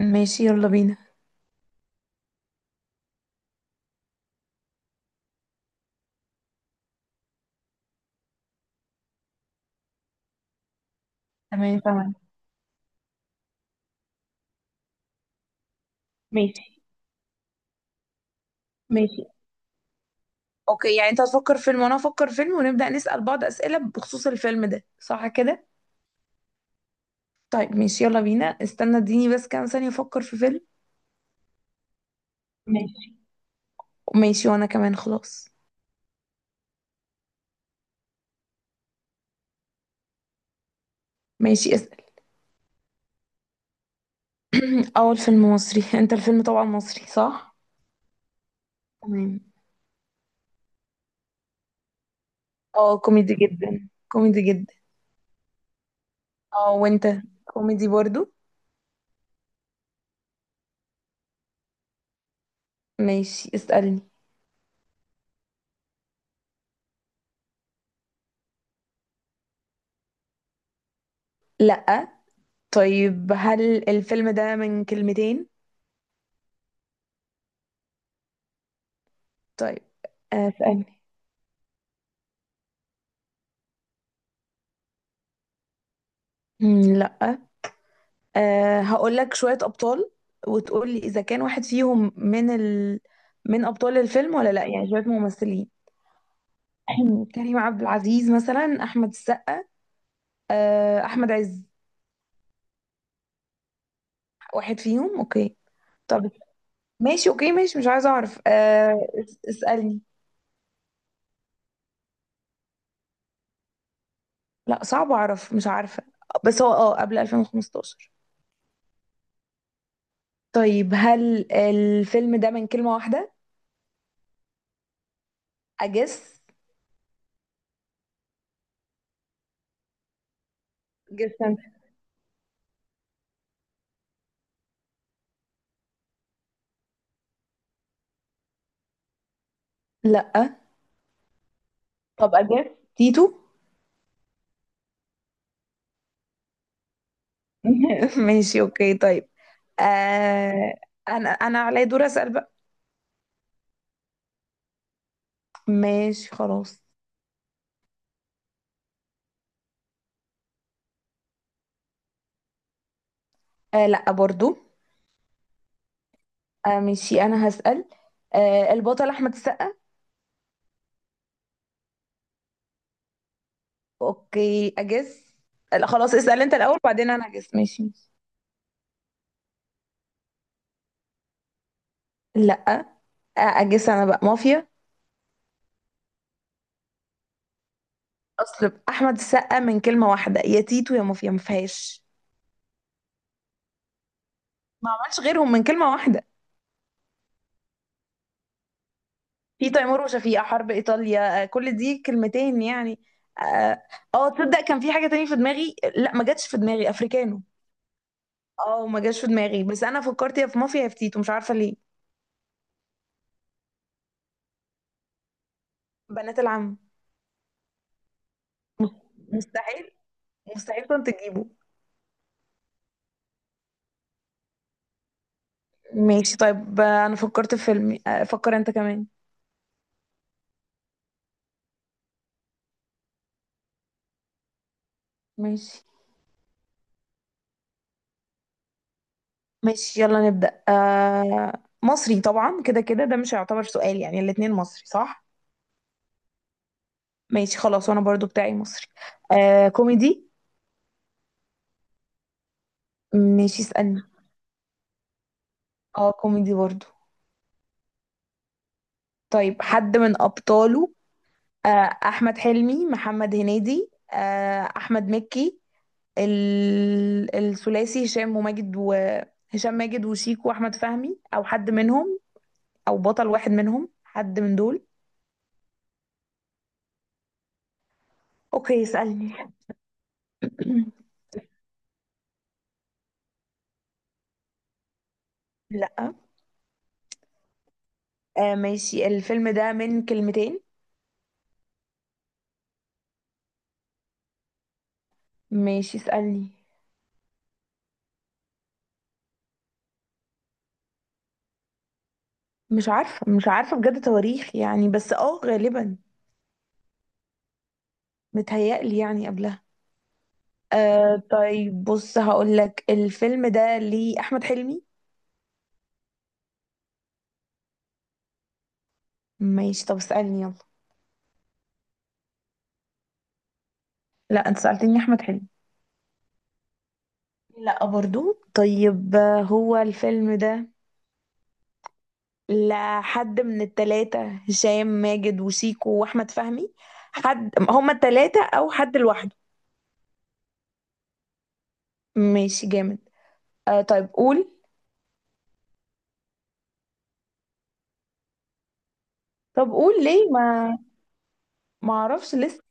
ماشي، يلا بينا. تمام تمام. ماشي. ماشي. اوكي، يعني انت هتفكر فيلم وانا هفكر فيلم ونبدأ نسأل بعض أسئلة بخصوص الفيلم ده، صح كده؟ طيب ماشي يلا بينا. استنى اديني بس كام ثانية افكر في فيلم. ماشي. ماشي وانا كمان خلاص. ماشي اسأل. اول فيلم مصري. انت الفيلم طبعا مصري، صح؟ تمام. اه، كوميدي جدا، كوميدي جدا. اه وانت؟ كوميدي برضو. ماشي اسألني. لا. طيب هل الفيلم ده من كلمتين؟ طيب. اسألني. لا. هقول لك شوية أبطال وتقول لي إذا كان واحد فيهم من من أبطال الفيلم ولا لا، يعني شوية ممثلين. كريم عبد العزيز مثلا، أحمد السقا. أه أحمد عز. واحد فيهم، أوكي. طب ماشي أوكي ماشي، مش عايزة أعرف. اسألني. لا صعب أعرف، مش عارفة. بس هو قبل 2015؟ طيب هل الفيلم ده من كلمة واحدة؟ أجس. جس أنت. لا. طب أجس. تيتو. ماشي اوكي طيب. آه. انا علي دور اسال بقى. ماشي خلاص. آه لا برضو. آه ماشي انا هسال. آه البطل احمد السقا. اوكي اجس. لا خلاص اسال انت الاول، بعدين انا اجس. ماشي. لا. آه اجس انا بقى، مافيا. اصل احمد السقا من كلمه واحده يا تيتو يا مافيا، ما فيهاش. ما عملش غيرهم من كلمه واحده. في تيمور، وشفيقة، حرب إيطاليا، كل دي كلمتين يعني. اه. تصدق كان في حاجة تانية في دماغي، لا ما جاتش في دماغي، أفريكانو. اه ما جاتش في دماغي، بس أنا فكرت يا في مافيا يا في تيتو، مش عارفة ليه. بنات العم. مستحيل. مستحيل كنت تجيبه. ماشي طيب. أنا فكرت في فيلم، فكر أنت كمان. ماشي. ماشي يلا نبدأ. آه مصري طبعا، كده كده ده مش هيعتبر سؤال، يعني الاتنين مصري، صح؟ ماشي خلاص، وأنا برضو بتاعي مصري. آه كوميدي. ماشي اسألني. اه كوميدي برضو. طيب حد من أبطاله آه، أحمد حلمي، محمد هنيدي، أحمد مكي، الثلاثي هشام وماجد، وهشام ماجد وشيكو وأحمد فهمي، أو حد منهم، أو بطل واحد منهم، حد من دول. أوكي اسألني. لأ. ماشي. الفيلم ده من كلمتين. ماشي اسألني. مش عارفة، مش عارفة بجد تواريخ يعني، بس اه غالبا متهيألي يعني قبلها. آه طيب بص، هقول لك الفيلم ده ليه احمد حلمي. ماشي طب اسالني يلا. لا انت سالتني احمد حلمي. لا برضو. طيب هو الفيلم ده لحد من التلاتة، هشام ماجد وشيكو واحمد فهمي، حد هما التلاتة او حد لوحده. ماشي جامد. آه طيب قول. طب قول ليه ما. ما اعرفش لسه.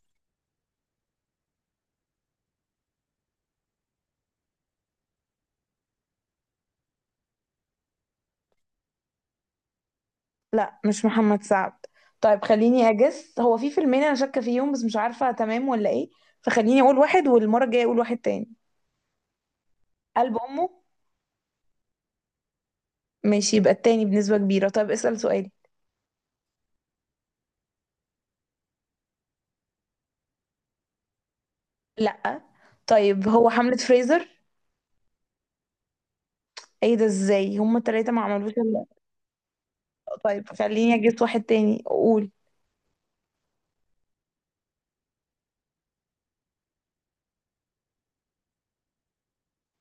لا، مش محمد سعد. طيب خليني اجس، هو في فيلمين انا شاكه فيهم بس مش عارفه تمام ولا ايه، فخليني اقول واحد والمره الجايه اقول واحد تاني. قلب امه. ماشي، يبقى التاني بنسبه كبيره. طيب اسال سؤالي. لا. طيب هو حملة فريزر؟ ايه ده، ازاي هما التلاتة ما عملوش الا. طيب خليني اجس واحد تاني اقول.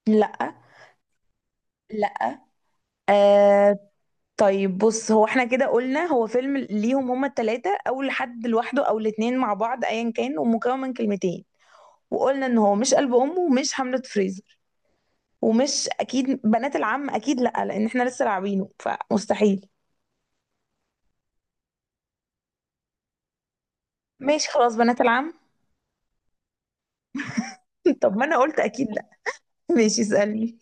لا. لا. آه طيب بص، هو احنا كده قلنا هو فيلم ليهم هما التلاتة او لحد لوحده او الاتنين مع بعض ايا كان، ومكون من كلمتين. وقلنا ان هو مش قلب امه ومش حملة فريزر، ومش اكيد بنات العم، اكيد لا، لان احنا لسه لاعبينه فمستحيل. ماشي خلاص، بنات العم. طب ما انا قلت اكيد لا. ماشي اسالني.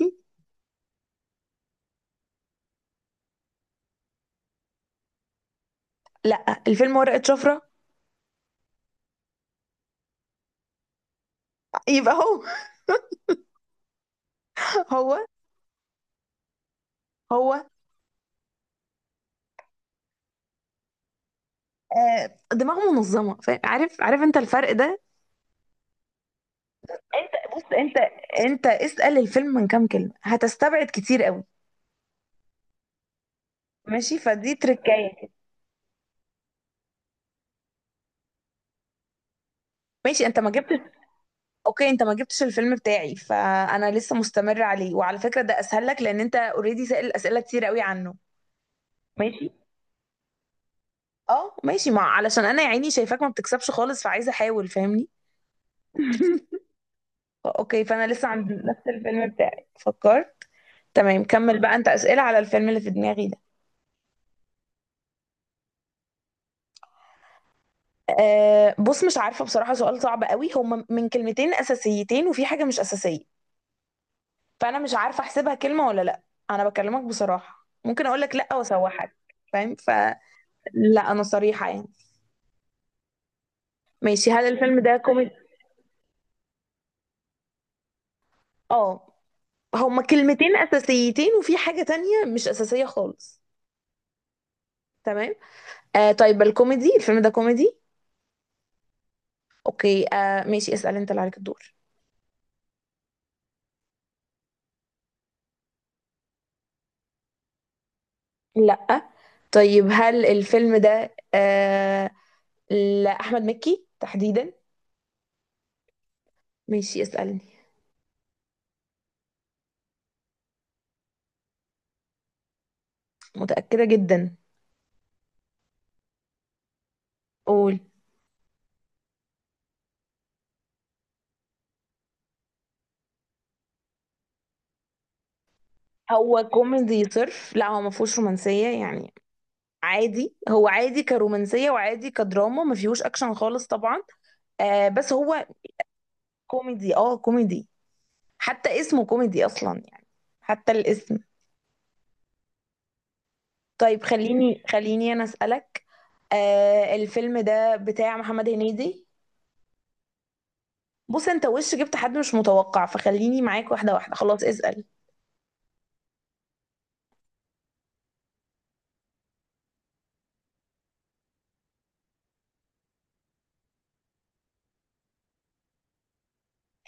لا، الفيلم ورقة شفرة. يبقى هو. هو. هو آه دماغه منظمة، فاهم؟ عارف عارف انت الفرق ده. انت بص انت، انت اسأل الفيلم من كام كلمة هتستبعد كتير قوي. ماشي فدي تركاية كده. ماشي انت ما جبتش. اوكي انت ما جبتش الفيلم بتاعي، فانا لسه مستمر عليه، وعلى فكره ده اسهل لك لان انت اوريدي سائل اسئله كتير قوي عنه. ماشي. اه ماشي ما علشان انا يا عيني شايفاك ما بتكسبش خالص، فعايزه احاول فاهمني. اوكي، فانا لسه عند نفس الفيلم بتاعي فكرت. تمام كمل بقى انت اسئله على الفيلم اللي في دماغي ده. أه بص مش عارفه بصراحه، سؤال صعب قوي. هما من كلمتين اساسيتين وفي حاجه مش اساسيه، فانا مش عارفه احسبها كلمه ولا لا. انا بكلمك بصراحه، ممكن اقول لك لا واسوحك، فاهم؟ لا انا صريحة يعني. ماشي هل الفيلم ده كوميدي؟ اه هما كلمتين اساسيتين وفي حاجة تانية مش اساسية خالص. تمام. آه طيب الكوميدي، الفيلم ده كوميدي. اوكي آه ماشي اسأل انت اللي عليك الدور. لا. طيب هل الفيلم ده آه لأحمد مكي تحديدا؟ ماشي اسألني. متأكدة جدا. قول. هو كوميدي صرف، لا هو ما فيهوش رومانسية يعني، عادي، هو عادي كرومانسية وعادي كدراما، ما فيهوش اكشن خالص طبعا. آه بس هو كوميدي، اه كوميدي، حتى اسمه كوميدي اصلا يعني، حتى الاسم. طيب خليني انا اسالك. آه الفيلم ده بتاع محمد هنيدي؟ بص انت وش جبت حد مش متوقع، فخليني معاك واحده واحده، خلاص اسال.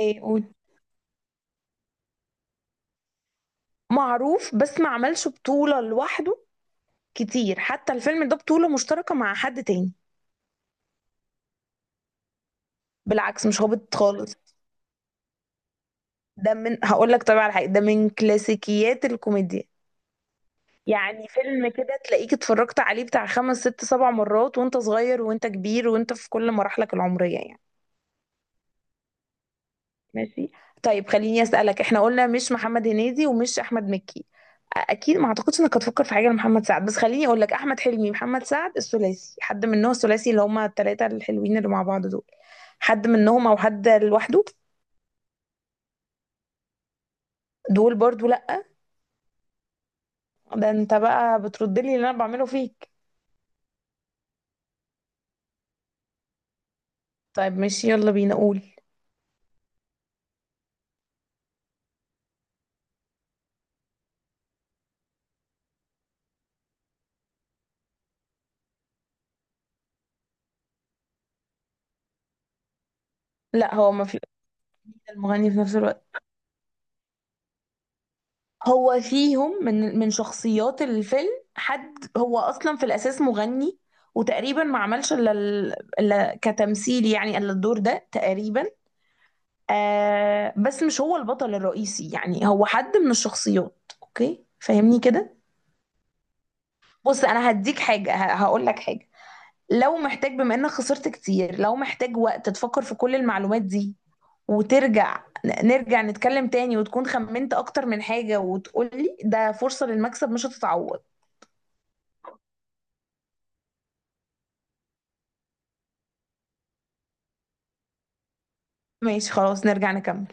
ايه قول. معروف بس ما عملش بطوله لوحده كتير، حتى الفيلم ده بطوله مشتركه مع حد تاني. بالعكس مش هابط خالص. ده من، هقول لك طبعا على حاجه، ده من كلاسيكيات الكوميديا. يعني فيلم كده تلاقيك اتفرجت عليه بتاع خمس ست سبع مرات، وانت صغير وانت كبير وانت في كل مراحلك العمرية يعني. ماشي. طيب خليني اسألك، احنا قلنا مش محمد هنيدي ومش احمد مكي. اكيد ما اعتقدش انك هتفكر في حاجة لمحمد سعد، بس خليني اقول لك، احمد حلمي، محمد سعد، الثلاثي، حد منهم، الثلاثي اللي هما الثلاثة الحلوين اللي مع بعض دول، حد منهم او حد لوحده. دول برضو لا. ده انت بقى بترد لي اللي انا بعمله فيك. طيب ماشي يلا بينا قول. لا هو ما في. المغني في نفس الوقت. هو فيهم من شخصيات الفيلم، حد هو اصلا في الاساس مغني، وتقريبا ما عملش الا الا كتمثيل يعني، الا الدور ده تقريبا. آه بس مش هو البطل الرئيسي، يعني هو حد من الشخصيات، اوكي فاهمني كده؟ بص انا هديك حاجه، هقول لك حاجه، لو محتاج بما انك خسرت كتير، لو محتاج وقت تفكر في كل المعلومات دي وترجع، نرجع نتكلم تاني وتكون خمنت اكتر من حاجه، وتقولي ده فرصه للمكسب مش هتتعوض. ماشي خلاص نرجع نكمل.